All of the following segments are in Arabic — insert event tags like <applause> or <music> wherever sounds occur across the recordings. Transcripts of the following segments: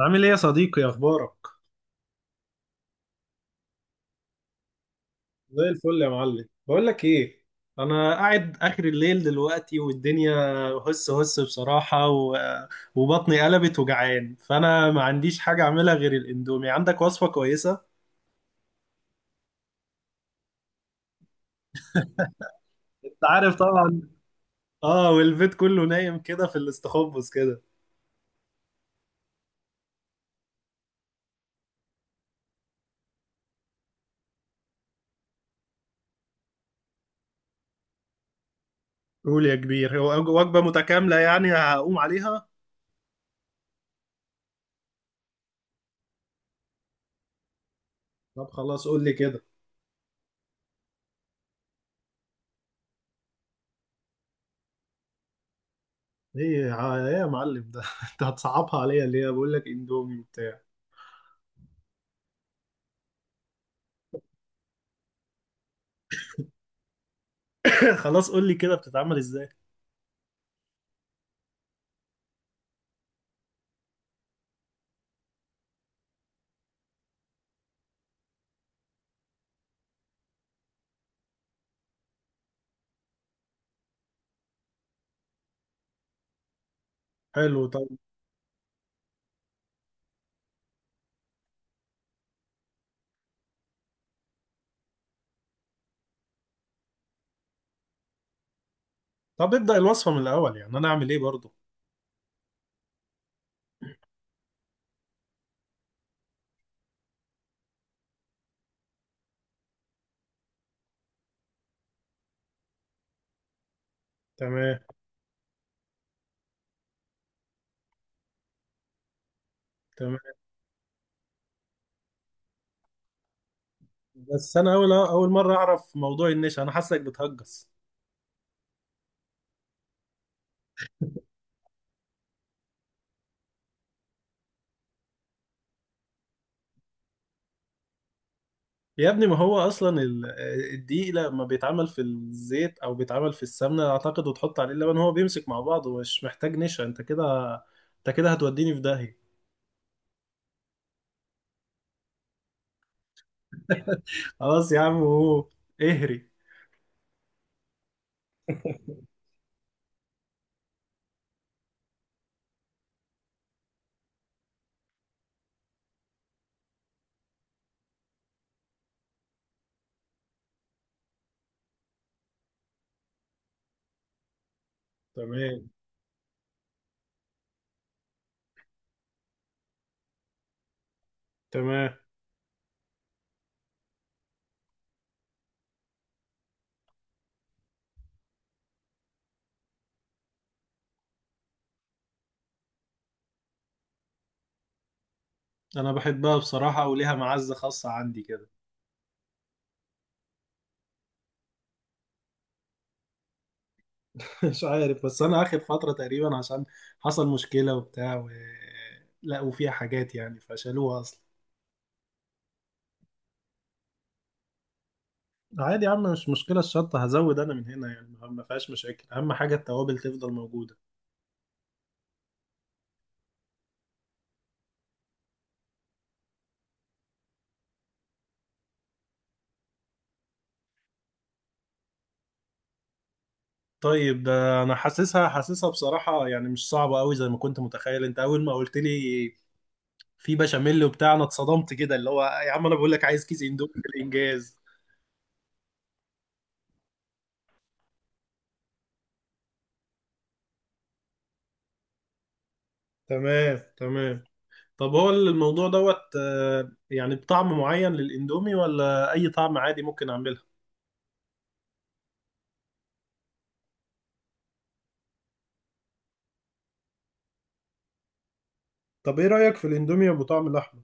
عامل ايه يا صديقي اخبارك؟ زي الفل يا معلم. بقول لك ايه، انا قاعد اخر الليل دلوقتي والدنيا هس هس بصراحة، وبطني قلبت وجعان، فانا ما عنديش حاجة اعملها غير الاندومي. عندك وصفة كويسة؟ انت عارف طبعا. اه، والبيت كله نايم كده في الاستخبص كده. قول يا كبير، هو وجبة متكاملة يعني هقوم عليها. طب خلاص قول لي كده. ايه يا معلم ده، <laughs> انت هتصعبها عليا ليه؟ بقول لك اندومي وبتاع. <laughs> خلاص قول لي كده بتتعمل ازاي. حلو، طب. طب ابدأ الوصفة من الأول يعني، أنا أعمل إيه برضو؟ تمام، تمام. بس أنا أول أول مرة أعرف موضوع النشا، أنا حاسك بتهجس. يا ابني، ما هو أصلا الدقيق لما بيتعمل في الزيت أو بيتعمل في السمنة أعتقد، وتحط عليه اللبن هو بيمسك مع بعضه ومش محتاج نشا. أنت كده هتوديني في داهية. خلاص يا عم، هو اهري. تمام، تمام. أنا بحبها بصراحة وليها معزة خاصة عندي كده. <laughs> مش عارف، بس انا اخر فتره تقريبا عشان حصل مشكله وبتاع، لقوا فيها حاجات يعني فشالوها اصلا. عادي يا عم، مش مشكله الشطه، هزود انا من هنا، يعني ما فيهاش مشاكل، اهم حاجه التوابل تفضل موجوده. طيب، ده انا حاسسها حاسسها بصراحه، يعني مش صعبه قوي زي ما كنت متخيل. انت اول ما قلت لي في بشاميل وبتاع انا اتصدمت كده، اللي هو يا عم انا بقول لك عايز كيس اندومي بالانجاز. تمام، تمام. طب هو الموضوع دوت يعني بطعم معين للاندومي ولا اي طعم عادي ممكن اعمله؟ طب ايه رأيك في الاندومي ابو طعم اللحمة؟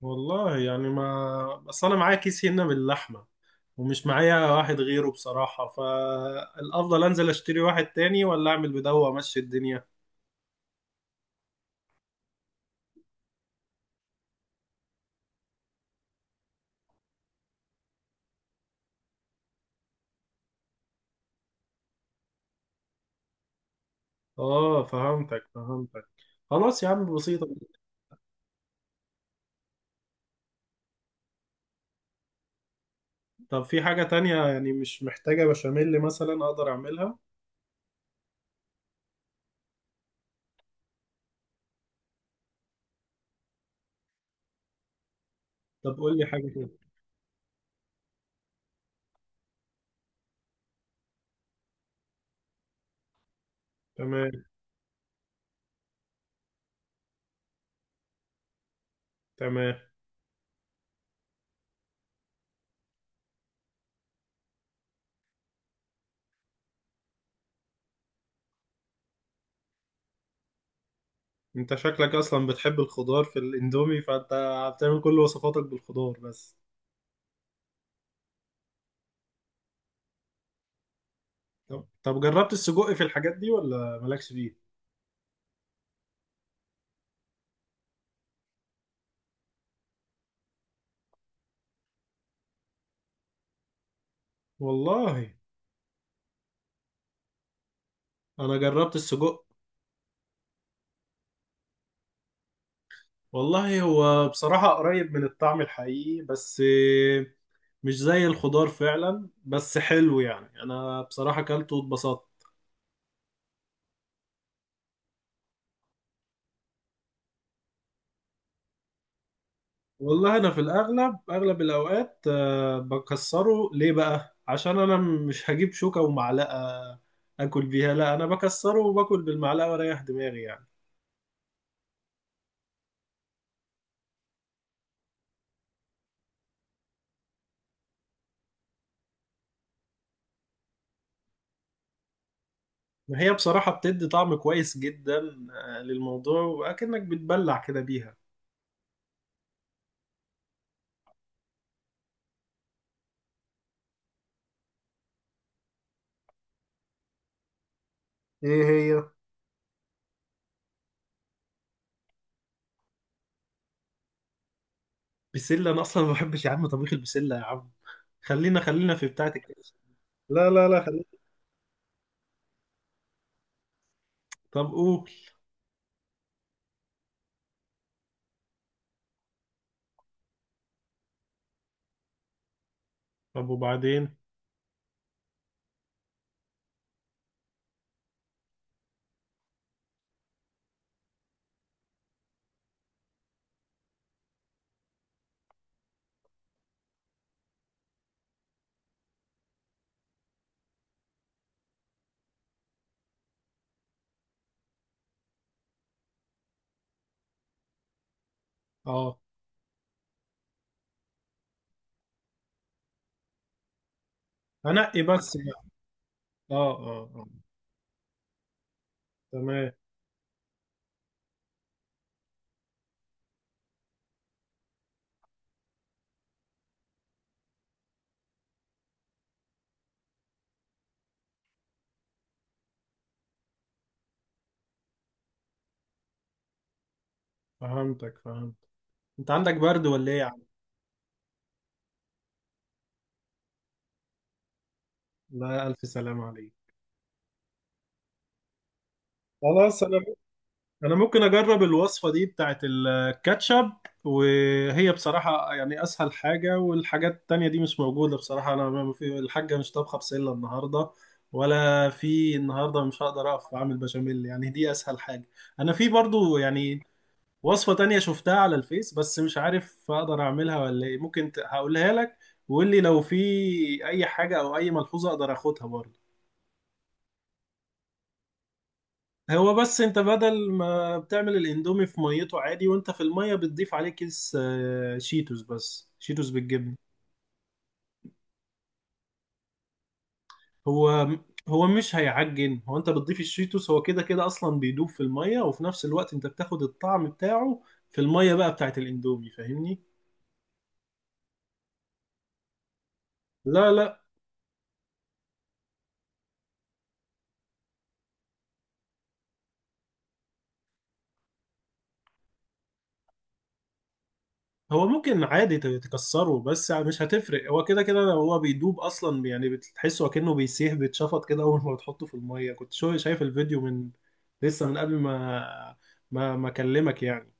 والله يعني ما، بس انا معايا كيس هنا باللحمه، ومش معايا واحد غيره بصراحه. فالافضل انزل اشتري واحد تاني، ولا اعمل بدوه وامشي الدنيا؟ اه، فهمتك فهمتك. خلاص يا عم بسيطه. طب في حاجه تانية يعني مش محتاجه بشاميل مثلا اقدر اعملها؟ طب قول لي حاجه كده. تمام، تمام. انت شكلك اصلا بتحب الخضار في الاندومي، فانت بتعمل كل وصفاتك بالخضار بس. طب جربت السجق في الحاجات دي ولا مالكش فيه؟ والله انا جربت السجق. والله هو بصراحة قريب من الطعم الحقيقي، بس مش زي الخضار فعلا، بس حلو يعني. انا بصراحة اكلته واتبسطت. والله انا في الاغلب اغلب الاوقات بكسره، ليه بقى؟ عشان انا مش هجيب شوكة ومعلقة اكل بيها، لا انا بكسره وباكل بالمعلقة واريح دماغي يعني. ما هي بصراحة بتدي طعم كويس جدا للموضوع، وأكنك بتبلع كده بيها. ايه هي؟ بسلة؟ انا اصلا ما بحبش يا عم طبيخ البسلة يا عم، خلينا خلينا في بتاعة الكاس. لا لا لا، خلينا. طب قول. طب وبعدين؟ اه. هنقي بس بقى. اه اه اه. تمام. فهمتك، فهمت. انت عندك برد ولا ايه يا عم؟ لا، الف سلام عليك. خلاص انا ممكن اجرب الوصفه دي بتاعت الكاتشب، وهي بصراحه يعني اسهل حاجه، والحاجات التانية دي مش موجوده بصراحه. انا، ما في، الحاجه مش طابخه بسله النهارده، ولا في النهارده مش هقدر اقف اعمل بشاميل، يعني دي اسهل حاجه. انا في برضو يعني وصفه تانية شفتها على الفيس، بس مش عارف اقدر اعملها ولا ايه. ممكن هقولها لك، وقول لي لو في اي حاجه او اي ملحوظه اقدر اخدها برضو. هو بس انت بدل ما بتعمل الاندومي في ميته عادي، وانت في الميه بتضيف عليه كيس شيتوس، بس شيتوس بالجبنه. هو هو مش هيعجن. هو انت بتضيف الشيتوس، هو كده كده اصلا بيدوب في الميه، وفي نفس الوقت انت بتاخد الطعم بتاعه في الميه بقى بتاعت الاندومي فاهمني. لا لا. هو ممكن عادي تكسره، بس يعني مش هتفرق. هو كده كده لو هو بيدوب اصلا، يعني بتحسه اكنه بيسيح بيتشفط كده اول ما بتحطه في الميه. كنت شو شايف الفيديو من لسه، من قبل ما اكلمك يعني.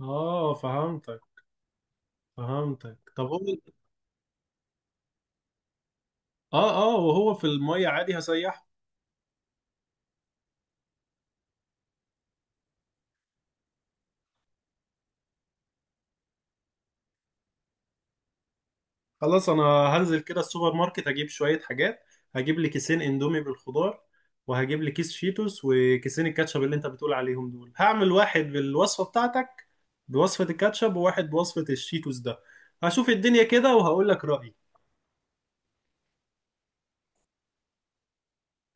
اه، فهمتك فهمتك. طب هو. اه اه، وهو في الميه عادي هسيحه. خلاص، انا هنزل كده السوبر ماركت اجيب شوية حاجات، هجيب لي كيسين اندومي بالخضار، وهجيب لي كيس شيتوس، وكيسين الكاتشب اللي انت بتقول عليهم دول. هعمل واحد بالوصفة بتاعتك بوصفة الكاتشب، وواحد بوصفة الشيتوس ده. هشوف الدنيا كده وهقول لك رأيي.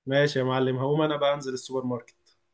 ماشي يا معلم، هقوم انا بقى انزل السوبر ماركت.